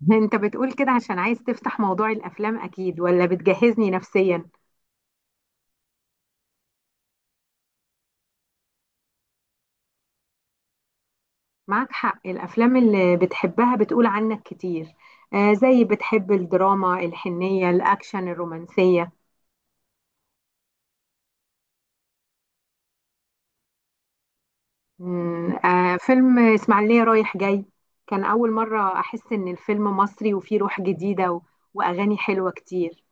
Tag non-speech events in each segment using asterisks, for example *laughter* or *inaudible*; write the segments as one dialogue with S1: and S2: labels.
S1: *laughs* انت بتقول كده عشان عايز تفتح موضوع الافلام اكيد ولا بتجهزني نفسيا؟ معاك حق، الافلام اللي بتحبها بتقول عنك كتير. آه، زي بتحب الدراما الحنية الاكشن الرومانسية. آه، فيلم اسماعيلية رايح جاي. كان اول مرة احس ان الفيلم مصري وفيه روح جديدة، و... واغاني حلوة كتير.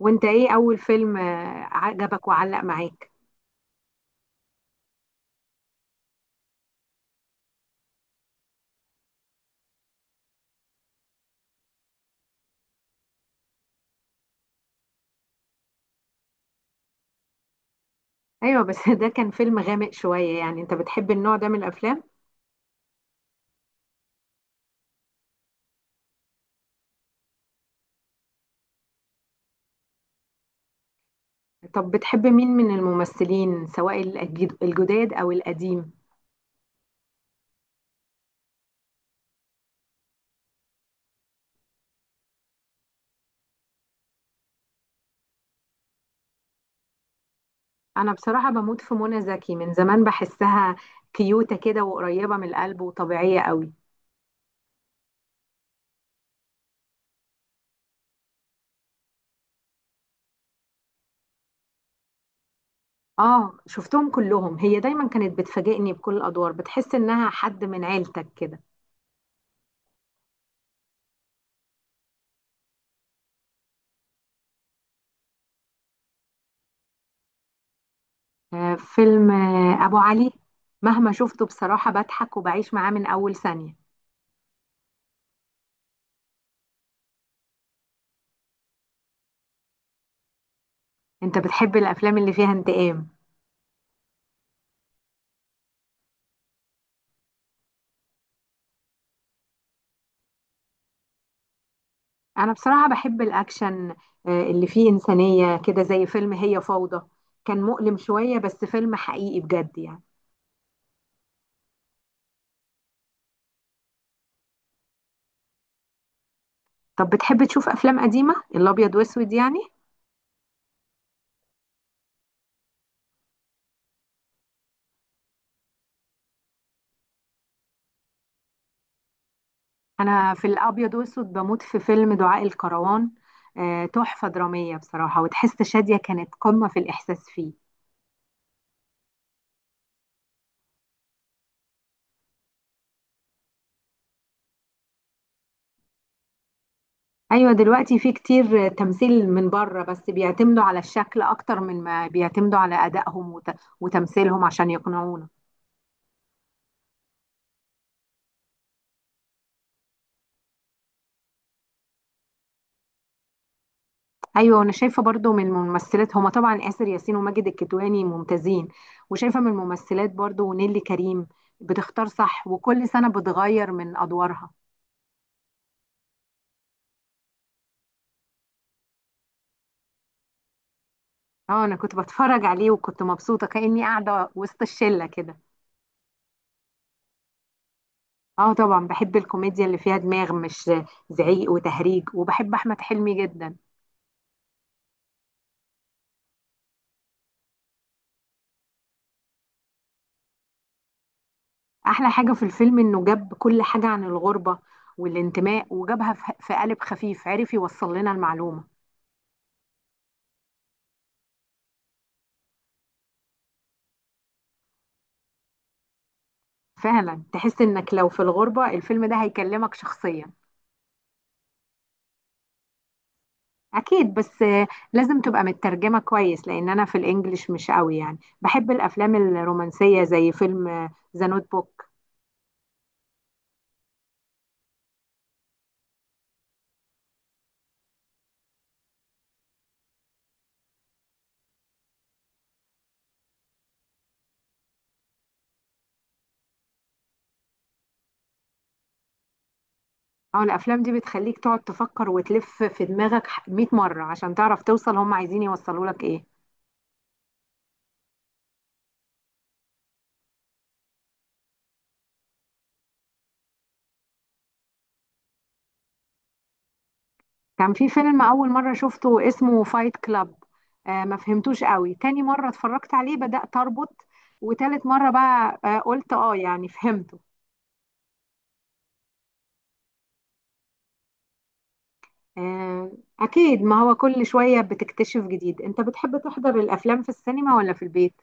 S1: وانت ايه اول فيلم عجبك وعلق معاك؟ ايوه بس *laughs* ده كان فيلم غامق شوية. يعني انت بتحب النوع ده من الافلام؟ طب بتحب مين من الممثلين، سواء الجداد او القديم؟ انا بصراحة بموت في منى زكي من زمان. بحسها كيوتة كده، وقريبة من القلب، وطبيعية قوي. اه، شفتهم كلهم. هي دايما كانت بتفاجئني بكل الادوار، بتحس انها حد من عيلتك كده. آه، فيلم ابو علي. مهما شفته، بصراحة بضحك وبعيش معاه من اول ثانية. انت بتحب الافلام اللي فيها انتقام؟ انا بصراحة بحب الاكشن، اللي فيه انسانية كده، زي فيلم هي فوضى. كان مؤلم شوية بس فيلم حقيقي بجد يعني. طب بتحب تشوف افلام قديمة، الابيض واسود يعني؟ انا في الابيض واسود بموت في فيلم دعاء الكروان. آه، تحفة درامية بصراحة. وتحس شادية كانت قمة في الاحساس فيه. ايوه، دلوقتي في كتير تمثيل من بره، بس بيعتمدوا على الشكل اكتر من ما بيعتمدوا على ادائهم وتمثيلهم عشان يقنعونا. ايوه، وانا شايفه برضو. من الممثلات هما طبعا اسر ياسين وماجد الكدواني ممتازين. وشايفه من الممثلات برضو ونيلي كريم. بتختار صح، وكل سنه بتغير من ادوارها. اه، انا كنت بتفرج عليه وكنت مبسوطه كاني قاعده وسط الشله كده. اه، طبعا بحب الكوميديا اللي فيها دماغ، مش زعيق وتهريج. وبحب احمد حلمي جدا. احلى حاجه في الفيلم انه جاب كل حاجه عن الغربه والانتماء، وجابها في قالب خفيف، عرف يوصل لنا المعلومه. فعلا تحس انك لو في الغربة، الفيلم ده هيكلمك شخصيا. اكيد، بس لازم تبقى مترجمة كويس لان انا في الانجليش مش قوي. يعني بحب الافلام الرومانسية زي فيلم ذا نوت بوك. اه، الافلام دي بتخليك تقعد تفكر وتلف في دماغك 100 مرة عشان تعرف توصل هم عايزين يوصلوا لك ايه. كان في فيلم اول مرة شفته اسمه فايت كلاب. ما فهمتوش قوي. تاني مرة اتفرجت عليه بدأت اربط. وتالت مرة بقى قلت اه، يعني فهمت. آه، أكيد. ما هو كل شوية بتكتشف جديد. أنت بتحب تحضر الأفلام في السينما ولا في البيت؟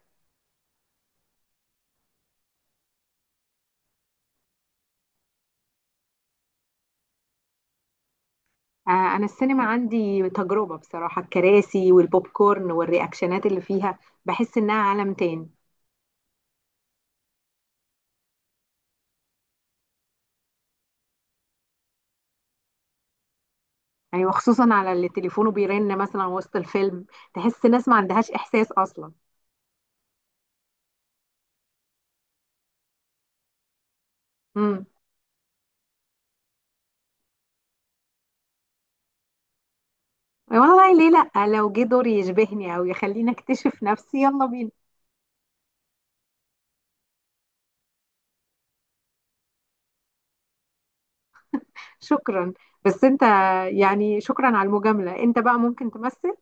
S1: آه، أنا السينما عندي تجربة. بصراحة الكراسي والبوب كورن والرياكشنات اللي فيها، بحس إنها عالم تاني. أيوة، خصوصا على اللي تليفونه بيرن مثلا وسط الفيلم. تحس ناس ما عندهاش إحساس أصلا. مم. والله ليه؟ لأ، لو جه دور يشبهني أو يخليني أكتشف نفسي، يلا بينا. شكرا. بس أنت، يعني شكرا على المجاملة. أنت بقى ممكن تمثل؟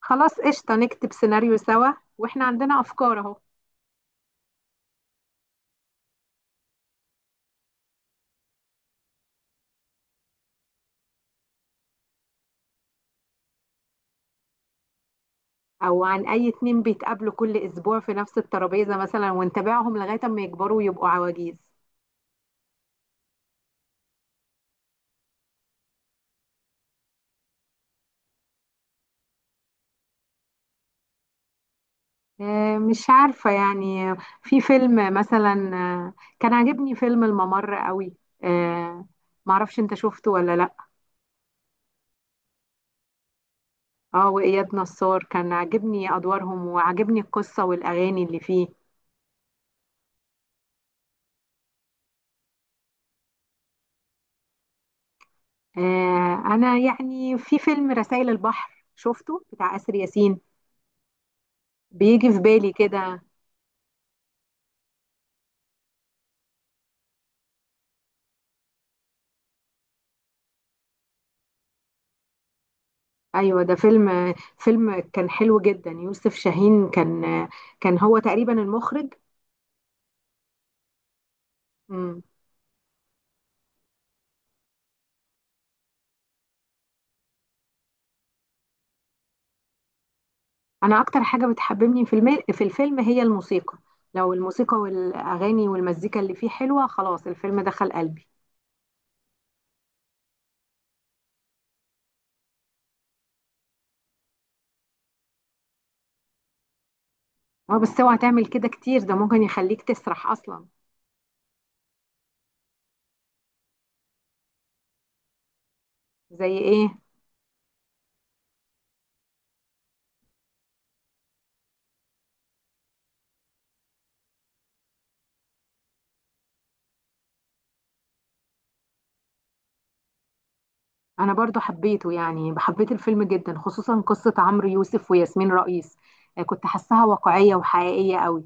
S1: خلاص، قشطة، نكتب سيناريو سوا. واحنا عندنا افكار اهو. او عن اي اتنين بيتقابلوا كل اسبوع في نفس الترابيزة مثلا، ونتابعهم لغاية اما يكبروا ويبقوا عواجيز. آه، مش عارفة يعني. في فيلم مثلا، آه، كان عاجبني فيلم الممر قوي. آه، معرفش انت شفته ولا لا. اه، وإياد نصار كان عاجبني ادوارهم وعاجبني القصة والاغاني اللي فيه. انا يعني في فيلم رسائل البحر شفته بتاع آسر ياسين. بيجي في بالي كده. ايوه، ده فيلم كان حلو جدا. يوسف شاهين كان هو تقريبا المخرج. مم. انا اكتر حاجه بتحببني في الفيلم هي الموسيقى. لو الموسيقى والاغاني والمزيكا اللي فيه حلوه، خلاص الفيلم دخل قلبي. اه، بس اوعى تعمل كده كتير، ده ممكن يخليك تسرح اصلا. زي ايه؟ انا برضو حبيته. يعني حبيت الفيلم جدا، خصوصا قصه عمرو يوسف وياسمين رئيس. كنت حاساها واقعيه وحقيقيه قوي.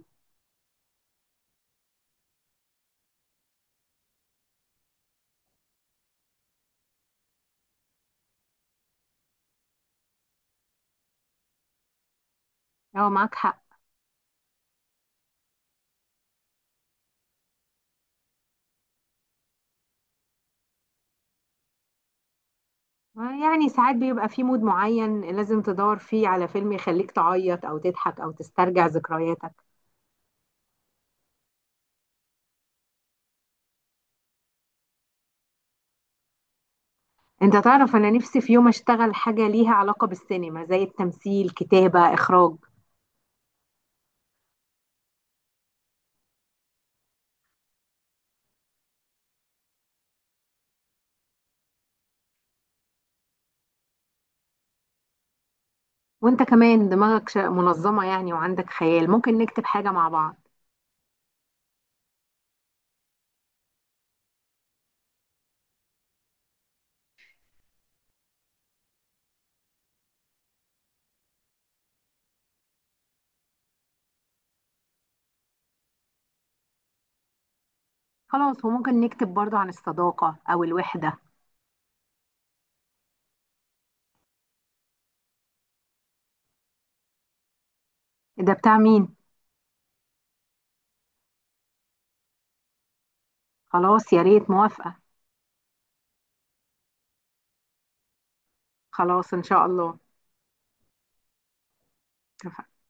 S1: اه، معاك حق. يعني ساعات بيبقى في مود معين، لازم تدور فيه على فيلم يخليك تعيط او تضحك او تسترجع ذكرياتك. انت تعرف، انا نفسي في يوم اشتغل حاجة ليها علاقة بالسينما، زي التمثيل، كتابة، اخراج. وانت كمان دماغك منظمة يعني، وعندك خيال. ممكن نكتب حاجة مع بعض. خلاص، وممكن نكتب برضو عن الصداقة او الوحدة. ده بتاع مين؟ خلاص، يا ريت، موافقة. خلاص، ان شاء الله، اتفقنا.